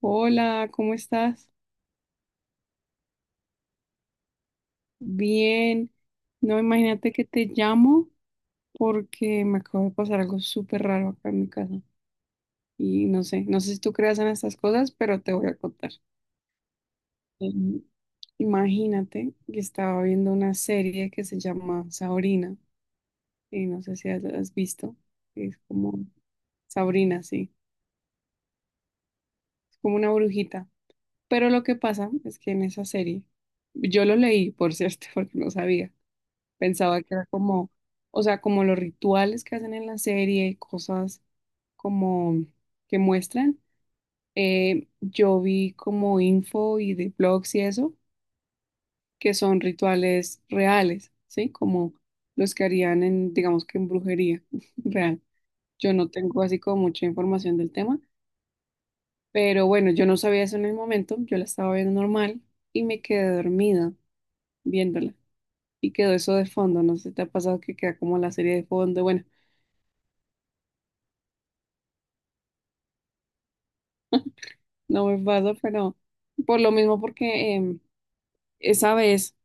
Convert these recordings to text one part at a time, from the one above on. Hola, ¿cómo estás? Bien. No, imagínate que te llamo porque me acabo de pasar algo súper raro acá en mi casa. Y no sé, no sé si tú creas en estas cosas, pero te voy a contar. Em, Imagínate que estaba viendo una serie que se llama Sabrina, y no sé si has visto, es como Sabrina, sí, es como una brujita. Pero lo que pasa es que en esa serie, yo lo leí, por cierto, porque no sabía. Pensaba que era como, o sea, como los rituales que hacen en la serie, cosas como que muestran. Yo vi como info y de blogs y eso, que son rituales reales, ¿sí? Como los que harían en, digamos que en brujería real. Yo no tengo así como mucha información del tema, pero bueno, yo no sabía eso en el momento, yo la estaba viendo normal y me quedé dormida viéndola. Y quedó eso de fondo, no sé si te ha pasado que queda como la serie de fondo, bueno. No me pasa, pero por lo mismo porque esa vez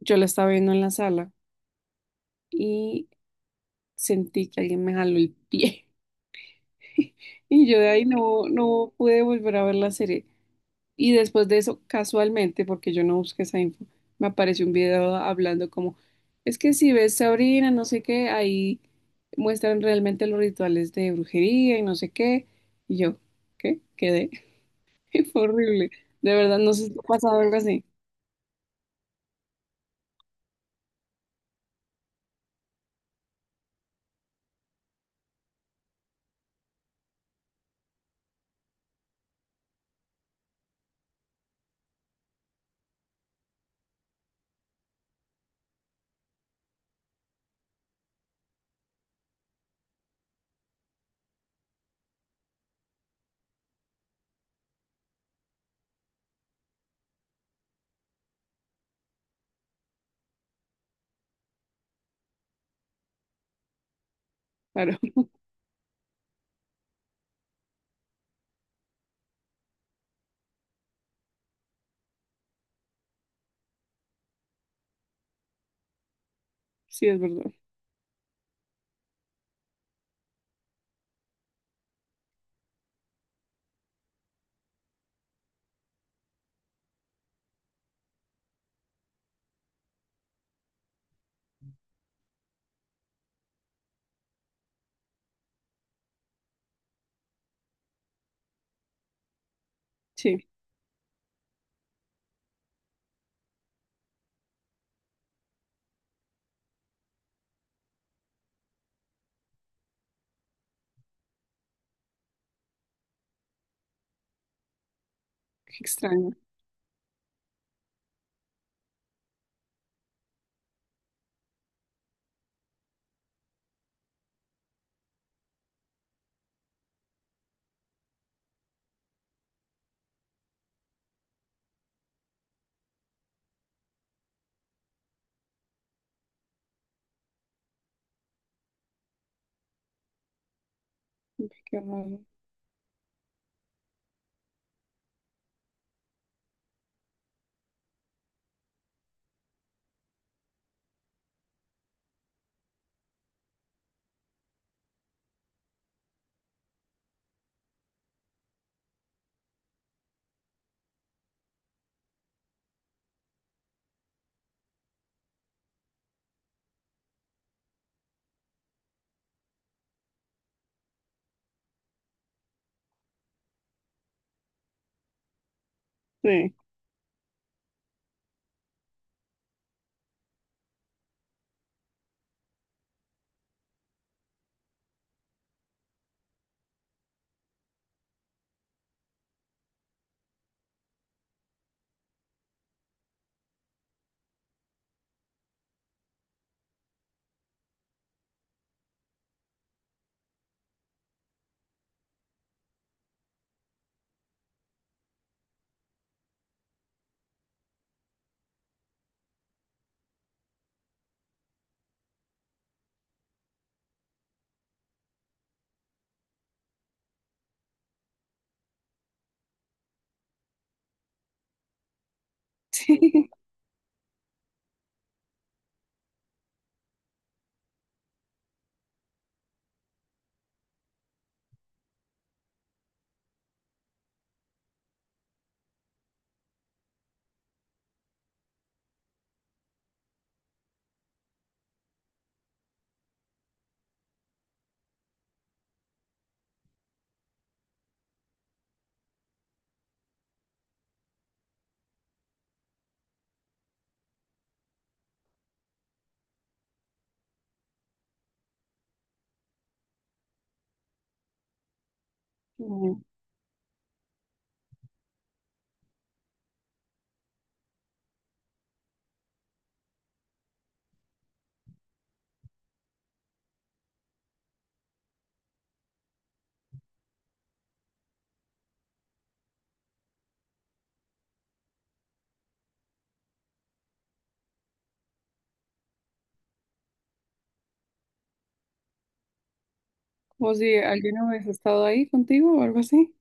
yo la estaba viendo en la sala y sentí que alguien me jaló el pie y yo de ahí no, no pude volver a ver la serie. Y después de eso, casualmente, porque yo no busqué esa info, me apareció un video hablando como, es que si ves Sabrina, no sé qué, ahí muestran realmente los rituales de brujería y no sé qué. Y yo, ¿qué? Quedé. Fue horrible. De verdad, no sé si te ha pasado algo así. Claro. Sí, es verdad. Sí, qué extraño. Qué raro. Sí, sí. Como como si alguien hubiese estado ahí contigo o algo así.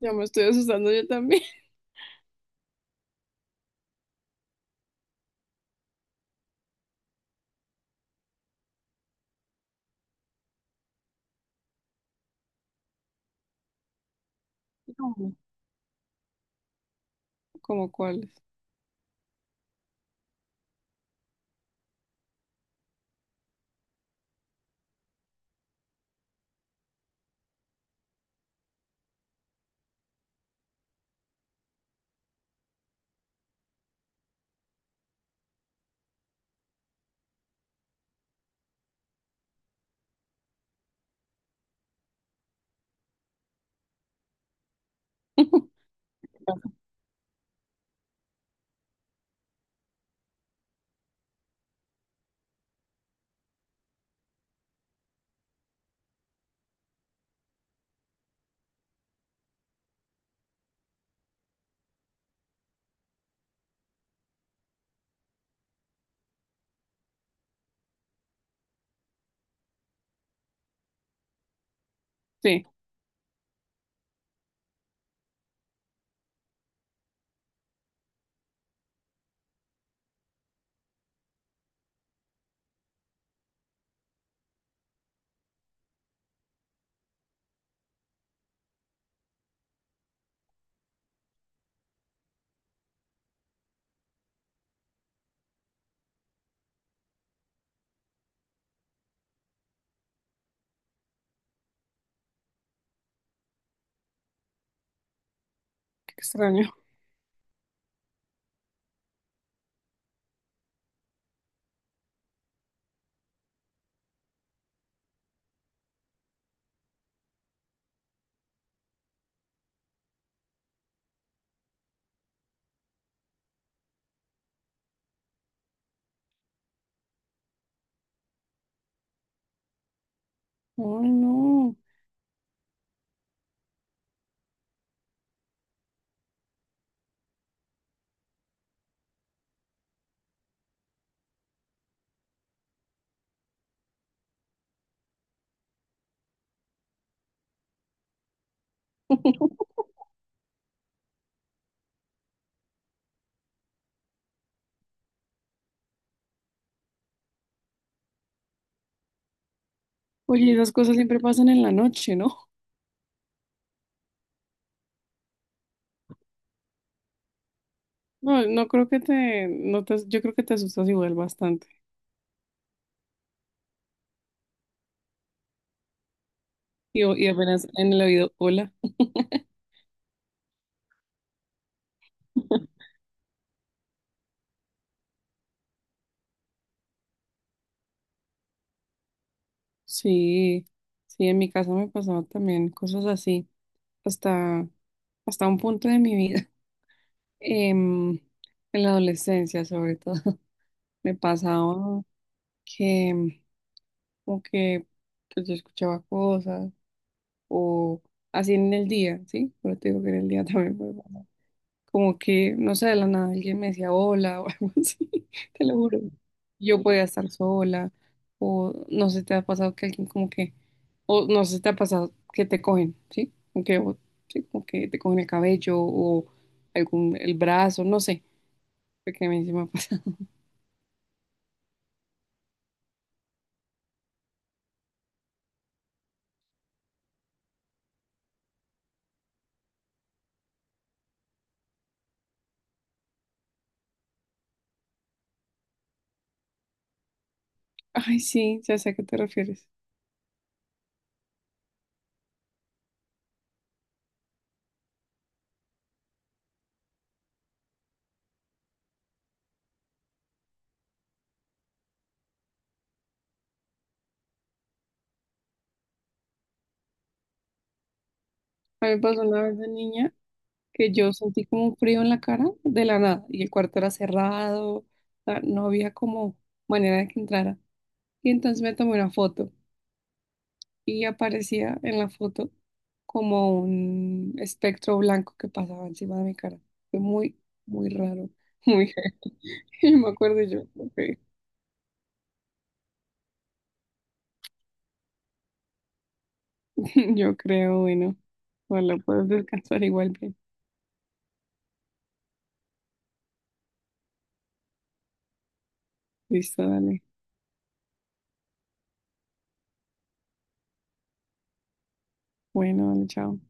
Ya me estoy asustando yo también. Como, como cuáles. Sí, qué extraño. Oh, no. Oye, esas cosas siempre pasan en la noche, ¿no? No, no creo que te, no te, yo creo que te asustas igual bastante. Y, o- y apenas en el oído, hola. Sí, sí, en mi casa me pasaba también cosas así, hasta, hasta un punto de mi vida. em, en la adolescencia sobre todo, me pasaba que como que pues, yo escuchaba cosas o así en el día, ¿sí? Pero te digo que en el día también me pasaba. Como que, no sé, de la nada alguien me decía hola o algo así, te lo juro. Yo podía estar sola o no sé, te ha pasado que alguien como que, o no sé, te ha pasado que te cogen, ¿sí? Como que, o- sí, como que te cogen el cabello o algún, el brazo, no sé, porque a mí sí me encima. Ay, sí, ya sé a qué te refieres. A mí me pasó una vez de niña que yo sentí como un frío en la cara de la nada y el cuarto era cerrado, o sea, no había como manera de que entrara. Y entonces me tomé una foto y aparecía en la foto como un espectro blanco que pasaba encima de mi cara. Fue muy, muy raro, muy heavy. Y no me acuerdo yo, ok, yo creo, bueno, bueno, puedes descansar igual bien. Listo, dale. Bueno, dale, chao.